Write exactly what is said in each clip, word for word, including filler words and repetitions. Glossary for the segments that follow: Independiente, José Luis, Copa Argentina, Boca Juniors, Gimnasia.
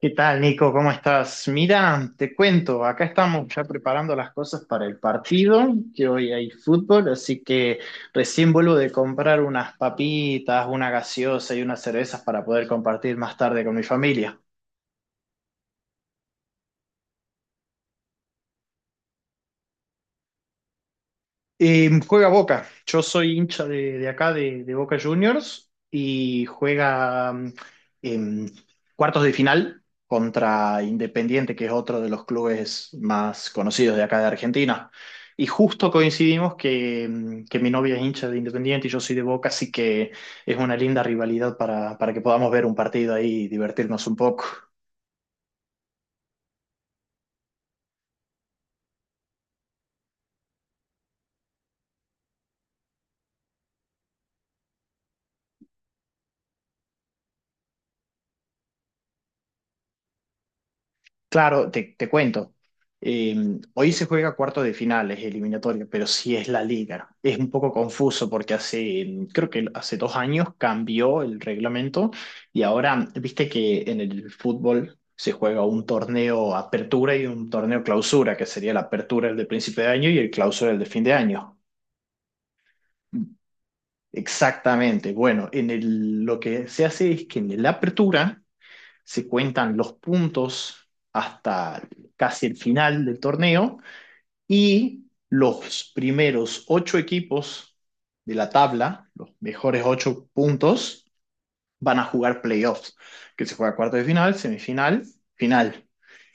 ¿Qué tal, Nico? ¿Cómo estás? Mira, te cuento, acá estamos ya preparando las cosas para el partido, que hoy hay fútbol, así que recién vuelvo de comprar unas papitas, una gaseosa y unas cervezas para poder compartir más tarde con mi familia. Eh, juega Boca. Yo soy hincha de, de acá, de, de Boca Juniors, y juega mm, en cuartos de final contra Independiente, que es otro de los clubes más conocidos de acá de Argentina. Y justo coincidimos que, mm, que mi novia es hincha de Independiente y yo soy de Boca, así que es una linda rivalidad para, para que podamos ver un partido ahí y divertirnos un poco. Claro, te, te cuento. Eh, Hoy se juega cuarto de final, es eliminatoria, pero sí es la liga. Es un poco confuso porque hace, em, creo que hace dos años cambió el reglamento y ahora, viste que en el fútbol se juega un torneo apertura y un torneo clausura, que sería la apertura el de principio de año y el clausura el de fin de año. Exactamente. Bueno, en el, lo que se hace es que en la apertura se cuentan los puntos hasta casi el final del torneo y los primeros ocho equipos de la tabla, los mejores ocho puntos, van a jugar playoffs, que se juega cuarto de final, semifinal, final.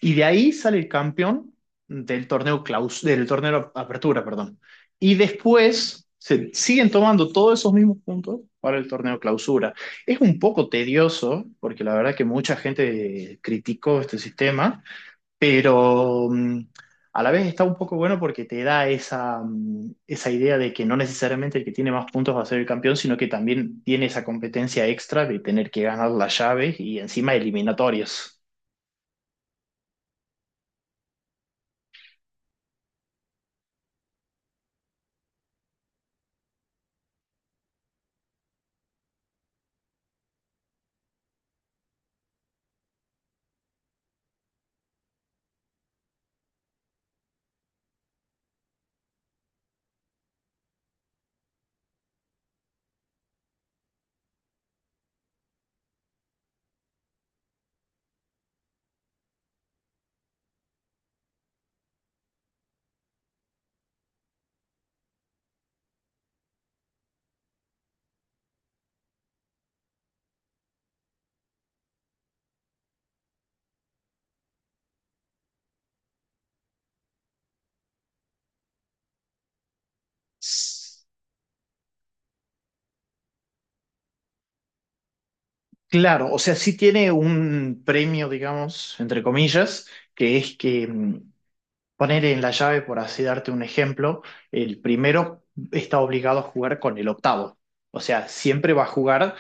Y de ahí sale el campeón del torneo claus del torneo apertura, perdón. Y después se siguen tomando todos esos mismos puntos para el torneo clausura. Es un poco tedioso, porque la verdad que mucha gente criticó este sistema, pero mm, a la vez está un poco bueno porque te da esa, mm, esa idea de que no necesariamente el que tiene más puntos va a ser el campeón, sino que también tiene esa competencia extra de tener que ganar las llaves y encima eliminatorias. S- Claro, o sea, sí tiene un premio, digamos, entre comillas, que es que mm, poner en la llave, por así darte un ejemplo, el primero está obligado a jugar con el octavo. O sea, siempre va a jugar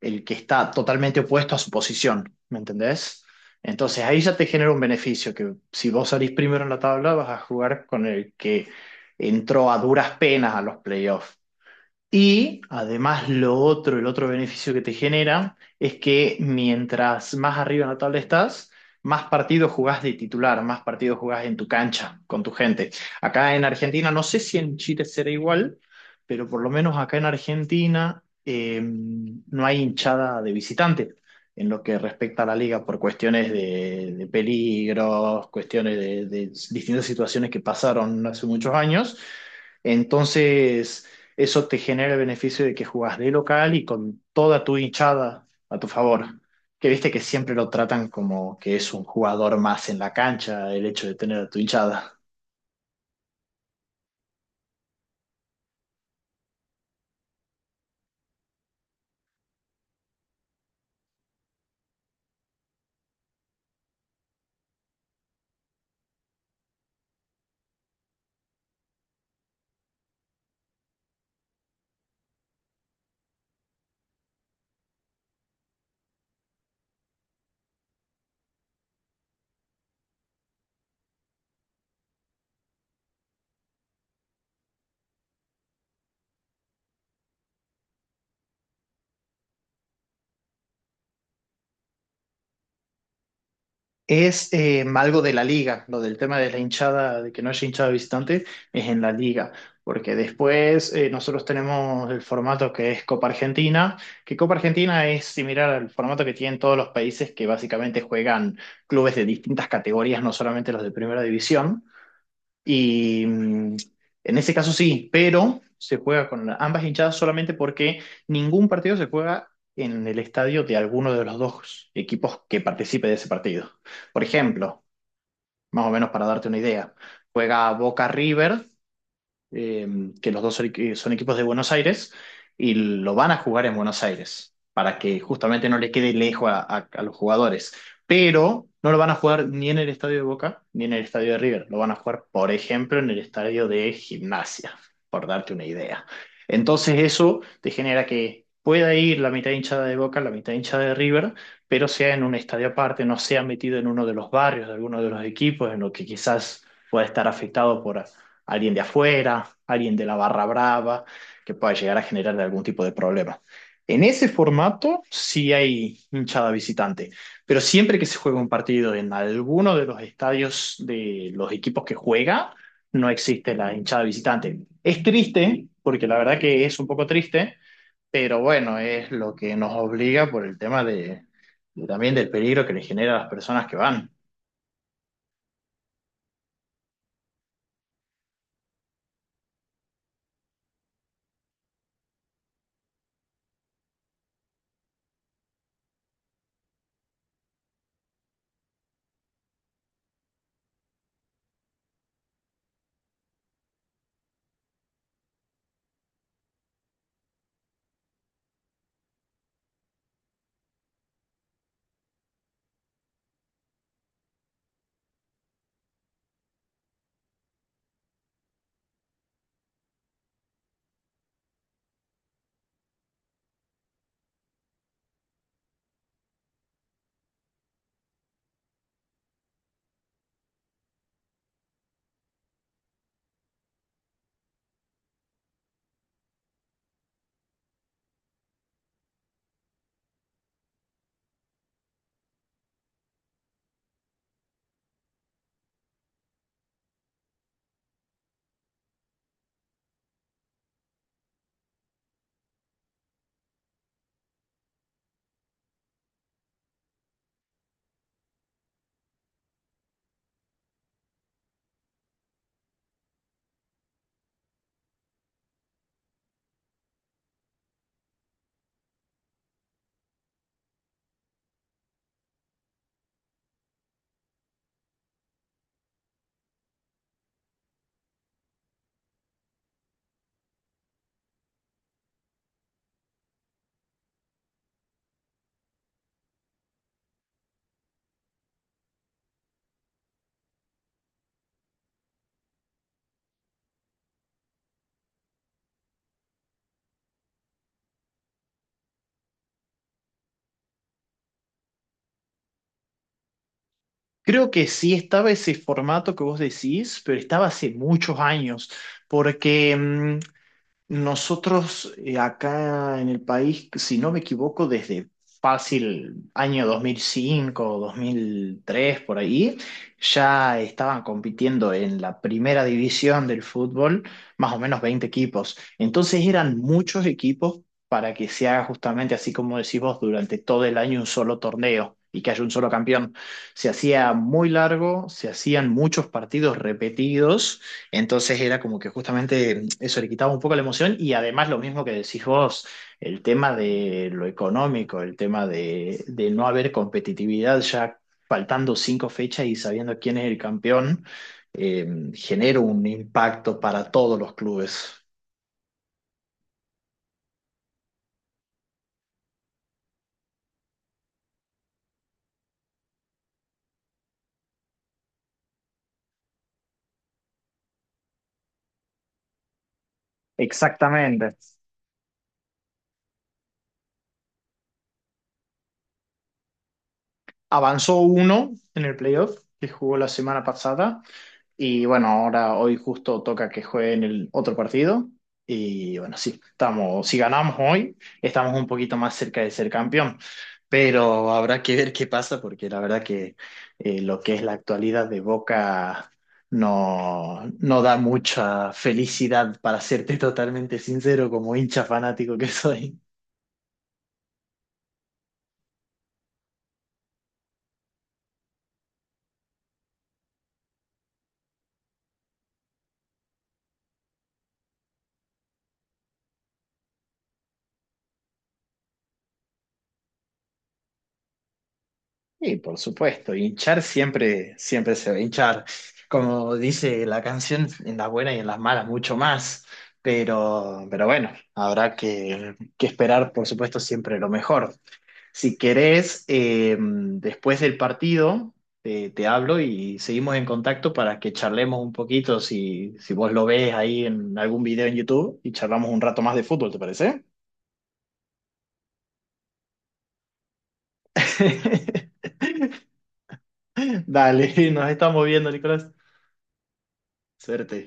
el que está totalmente opuesto a su posición, ¿me entendés? Entonces ahí ya te genera un beneficio, que si vos salís primero en la tabla vas a jugar con el que entró a duras penas a los playoffs. Y además lo otro, el otro beneficio que te genera es que mientras más arriba en la tabla estás, más partidos jugás de titular, más partidos jugás en tu cancha, con tu gente. Acá en Argentina, no sé si en Chile será igual, pero por lo menos acá en Argentina eh, no hay hinchada de visitante en lo que respecta a la liga por cuestiones de, de peligros, cuestiones de de distintas situaciones que pasaron hace muchos años. Entonces eso te genera el beneficio de que jugás de local y con toda tu hinchada a tu favor. Que viste que siempre lo tratan como que es un jugador más en la cancha el hecho de tener a tu hinchada. Es eh, algo de la liga, lo del tema de la hinchada, de que no haya hinchada visitante, es en la liga. Porque después eh, nosotros tenemos el formato que es Copa Argentina, que Copa Argentina es similar al formato que tienen todos los países que básicamente juegan clubes de distintas categorías, no solamente los de primera división. Y mm, en ese caso sí, pero se juega con ambas hinchadas solamente porque ningún partido se juega en el estadio de alguno de los dos equipos que participe de ese partido. Por ejemplo, más o menos para darte una idea, juega Boca River eh, que los dos son, equi- son equipos de Buenos Aires, y lo van a jugar en Buenos Aires, para que justamente no le quede lejos a, a- a los jugadores. Pero no lo van a jugar ni en el estadio de Boca, ni en el estadio de River. Lo van a jugar, por ejemplo, en el estadio de Gimnasia, por darte una idea. Entonces eso te genera que pueda ir la mitad hinchada de Boca, la mitad hinchada de River, pero sea en un estadio aparte, no sea metido en uno de los barrios de alguno de los equipos, en lo que quizás pueda estar afectado por alguien de afuera, alguien de la barra brava, que pueda llegar a generar algún tipo de problema. En ese formato sí hay hinchada visitante, pero siempre que se juega un partido en alguno de los estadios de los equipos que juega, no existe la hinchada visitante. Es triste, porque la verdad que es un poco triste, pero bueno, es lo que nos obliga por el tema de, de también del peligro que le genera a las personas que van. Creo que sí estaba ese formato que vos decís, pero estaba hace muchos años, porque mm, nosotros eh, acá en el país, si no me equivoco, desde fácil año dos dos mil cinco, dos mil tres por ahí, ya estaban compitiendo en la primera división del fútbol, más o menos veinte equipos. Entonces eran muchos equipos para que se haga justamente así como decís vos, durante todo el año un solo torneo y que haya un solo campeón. Se hacía muy largo, se hacían muchos partidos repetidos. Entonces era como que justamente eso le quitaba un poco la emoción y además lo mismo que decís vos, el tema de lo económico, el tema de, de no haber competitividad ya faltando cinco fechas y sabiendo quién es el campeón, eh, genera un impacto para todos los clubes. Exactamente. Avanzó uno en el playoff que jugó la semana pasada. Y bueno, ahora hoy justo toca que jueguen el otro partido. Y bueno, sí, estamos, si ganamos hoy, estamos un poquito más cerca de ser campeón. Pero habrá que ver qué pasa, porque la verdad que eh, lo que es la actualidad de Boca no, no da mucha felicidad, para serte totalmente sincero, como hincha fanático que soy. Y por supuesto, hinchar siempre, siempre se va a hinchar. Como dice la canción, en las buenas y en las malas mucho más. Pero, pero bueno, habrá que, que esperar, por supuesto, siempre lo mejor. Si querés, eh, después del partido, te, te hablo y seguimos en contacto para que charlemos un poquito, si, si vos lo ves ahí en algún video en YouTube, y charlamos un rato más de fútbol, ¿te parece? Dale, nos estamos viendo, Nicolás. Suerte.